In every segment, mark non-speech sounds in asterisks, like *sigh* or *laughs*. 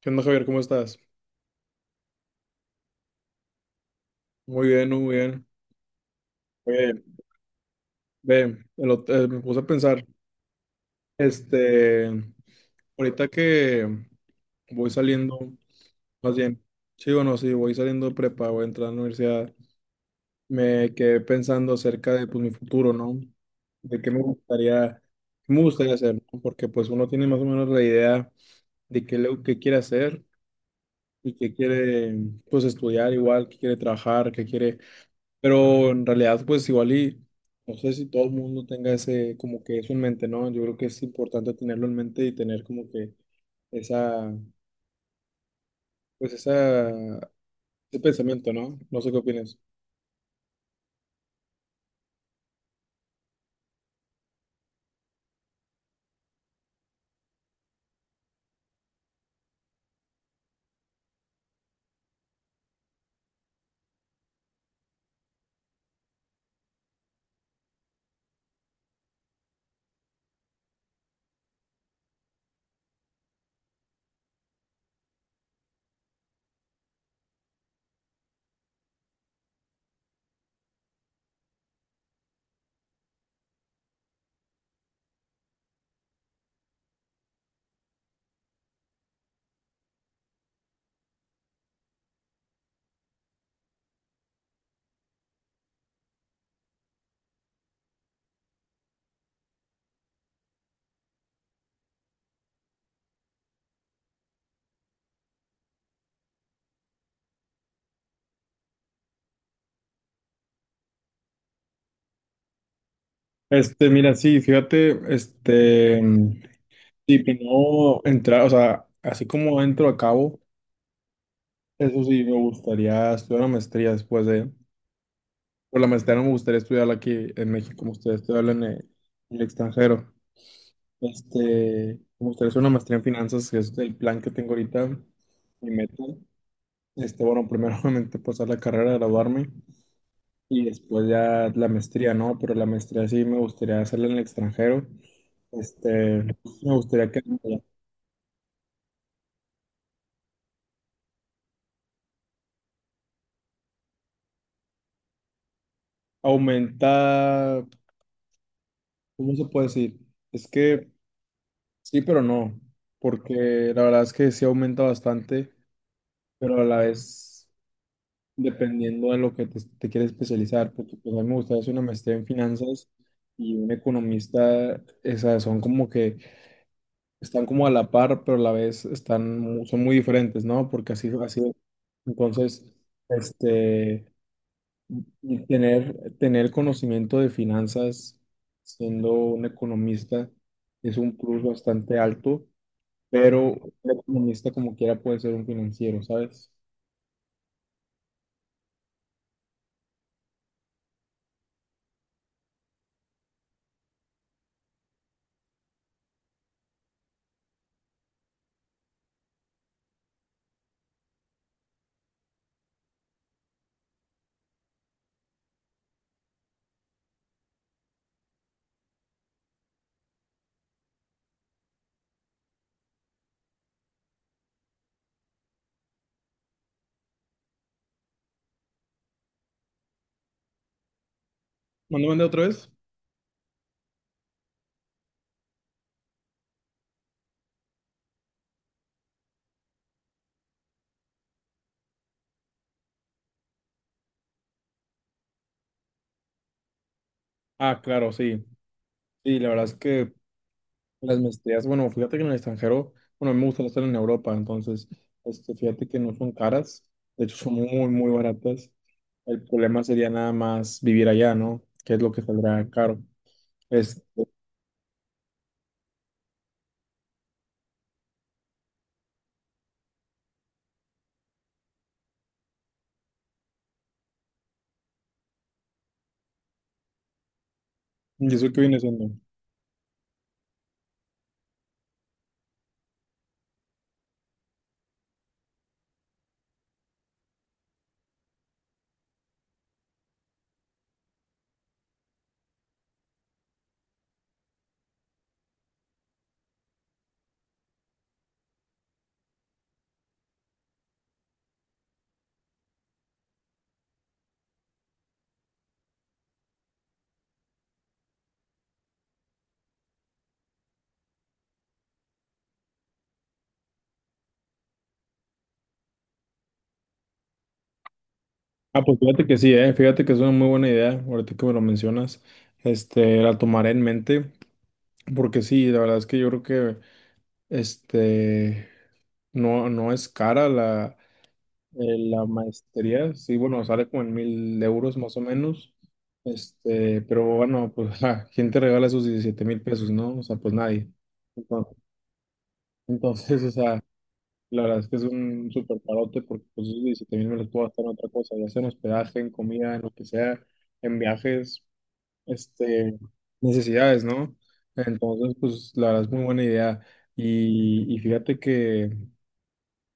¿Qué onda, Javier? ¿Cómo estás? Muy bien, muy bien. Oye, ve, me puse a pensar, este, ahorita que voy saliendo, más bien, sí, bueno, sí, voy saliendo de prepa, voy a entrar a la universidad, me quedé pensando acerca de, pues, mi futuro, ¿no? De qué me gustaría hacer, ¿no? Porque, pues, uno tiene más o menos la idea de qué, qué quiere hacer y qué quiere, pues, estudiar igual, qué quiere trabajar, qué quiere. Pero en realidad, pues igual y no sé si todo el mundo tenga ese, como que eso en mente, ¿no? Yo creo que es importante tenerlo en mente y tener como que esa, ese pensamiento, ¿no? No sé qué opinas. Mira, sí, fíjate, si no entrar, o sea, así como entro a cabo, eso sí, me gustaría estudiar una maestría después de, por la maestría no me gustaría estudiarla aquí en México, me gustaría estudiarla en el extranjero. Me gustaría hacer una maestría en finanzas, que es el plan que tengo ahorita, mi meta. Bueno, primero *laughs* obviamente pasar la carrera, graduarme y después ya la maestría, ¿no? Pero la maestría sí me gustaría hacerla en el extranjero. Me gustaría que aumenta, ¿cómo se puede decir? Es que sí, pero no, porque la verdad es que sí aumenta bastante, pero a la vez dependiendo de lo que te quieres especializar, porque pues, a mí me gustaría hacer una maestría en finanzas y un economista, esas son como que están como a la par, pero a la vez están, son muy diferentes, ¿no? Porque así, así, entonces, este, y tener conocimiento de finanzas siendo un economista es un plus bastante alto, pero un economista como quiera puede ser un financiero, ¿sabes? ¿Mandó mandé otra vez? Ah, claro, sí. Sí, la verdad es que. Las maestrías, bueno, fíjate que en el extranjero, bueno, a mí me gusta estar en Europa, entonces, fíjate que no son caras, de hecho son muy, muy baratas. El problema sería nada más vivir allá, ¿no? ¿Que es lo que saldrá caro? Es. ¿Y eso qué viene siendo? Ah, pues fíjate que sí, ¿eh? Fíjate que es una muy buena idea, ahorita que me lo mencionas, la tomaré en mente, porque sí, la verdad es que yo creo que, este, no, no es cara la maestría, sí, bueno, sale como en 1000 euros más o menos. Pero bueno, pues, *laughs* ja, ¿quién te regala esos 17,000 pesos, no? O sea, pues nadie. Entonces, *laughs* entonces, o sea, la verdad es que es un súper parote porque pues esos 17,000 me los puedo gastar en otra cosa, ya sea en hospedaje, en comida, en lo que sea, en viajes, este, necesidades, ¿no? Entonces, pues la verdad es muy buena idea. Y fíjate que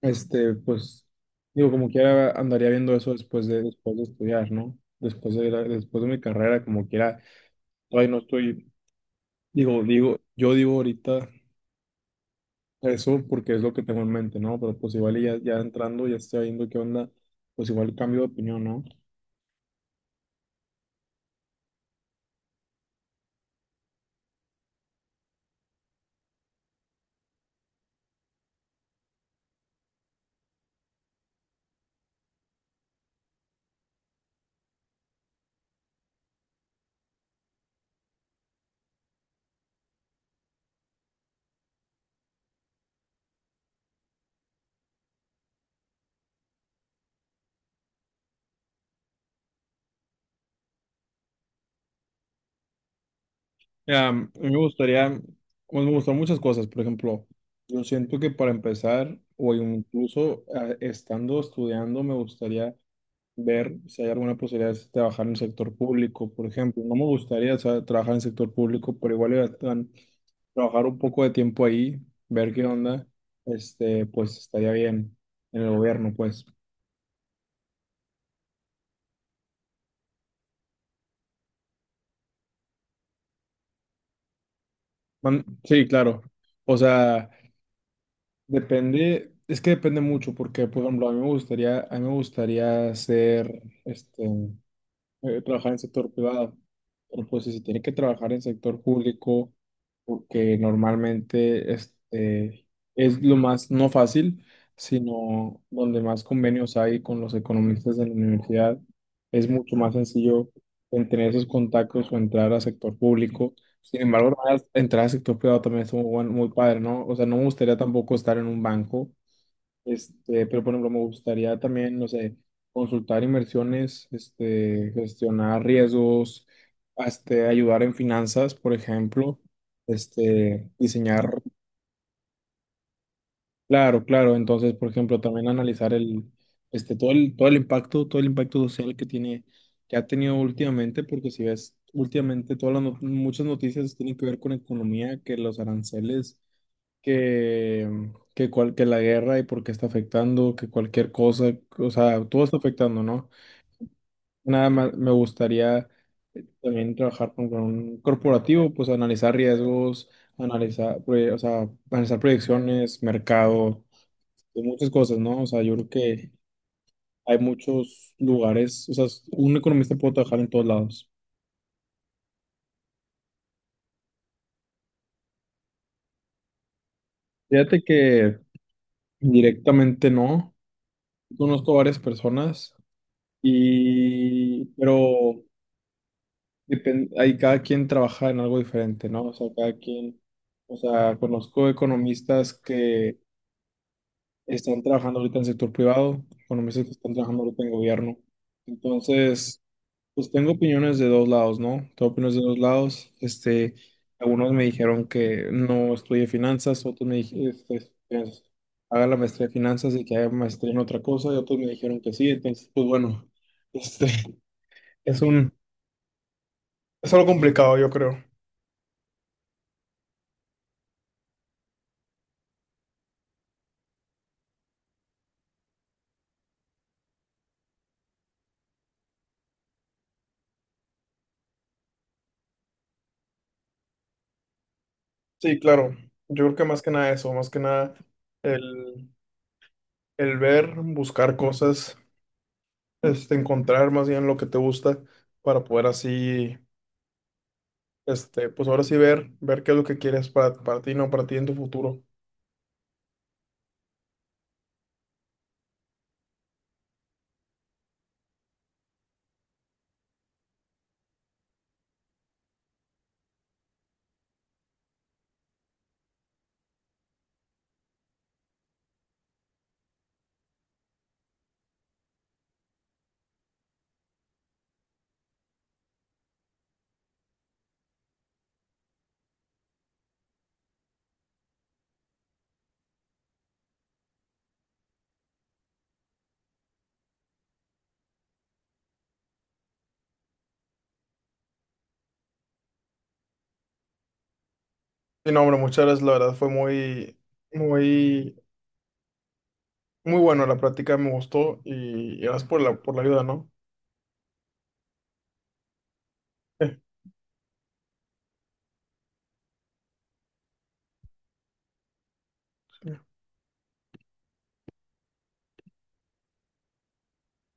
pues, digo, como quiera, andaría viendo eso después de estudiar, ¿no? Después de, después de mi carrera, como quiera, todavía no estoy, yo digo ahorita eso porque es lo que tengo en mente, ¿no? Pero pues igual y ya entrando, ya estoy viendo qué onda, pues igual cambio de opinión, ¿no? Mira, a mí me gustaría, pues me gustan muchas cosas, por ejemplo, yo siento que para empezar, o incluso estando estudiando, me gustaría ver si hay alguna posibilidad de trabajar en el sector público, por ejemplo. No me gustaría, o sea, trabajar en el sector público, pero igual iba a trabajar un poco de tiempo ahí, ver qué onda, pues estaría bien en el gobierno, pues. Sí, claro. O sea, depende, es que depende mucho, porque, por ejemplo, a mí me gustaría ser, trabajar en sector privado. Pero pues si se tiene que trabajar en sector público, porque normalmente es lo más no fácil, sino donde más convenios hay con los economistas de la universidad, es mucho más sencillo en tener esos contactos o entrar al sector público. Sin embargo, entrar al sector privado también es muy padre, ¿no? O sea, no me gustaría tampoco estar en un banco, pero por ejemplo, me gustaría también, no sé, consultar inversiones, gestionar riesgos, ayudar en finanzas, por ejemplo, diseñar, claro, claro, entonces, por ejemplo, también analizar el, este, todo el impacto todo el impacto social que tiene, que ha tenido últimamente, porque si ves, últimamente todas las, no- muchas noticias tienen que ver con economía, que los aranceles que, que la guerra y por qué está afectando, que cualquier cosa, o sea, todo está afectando, ¿no? Nada más me gustaría también trabajar con un corporativo, pues analizar riesgos, analizar proyecciones, mercado, y muchas cosas, ¿no? O sea, yo creo que hay muchos lugares, o sea, un economista puede trabajar en todos lados. Fíjate que directamente no, conozco varias personas. Y, pero hay cada quien trabaja en algo diferente, ¿no? O sea, cada quien, o sea, conozco economistas que están trabajando ahorita en sector privado, economistas que están trabajando ahorita en gobierno. Entonces, pues tengo opiniones de dos lados, ¿no? Tengo opiniones de dos lados. Algunos me dijeron que no estudie finanzas, otros me dijeron, haga la maestría de finanzas y que haga maestría en otra cosa, y otros me dijeron que sí. Entonces, pues bueno, este, *laughs* es algo complicado, yo creo. Sí, claro. Yo creo que más que nada eso, más que nada el, el ver, buscar cosas, encontrar más bien lo que te gusta para poder así, pues ahora sí ver, qué es lo que quieres para ti, no para ti en tu futuro. Y no, hombre, muchas gracias, la verdad fue muy, muy, muy bueno la práctica, me gustó y gracias por la ayuda, ¿no? *laughs*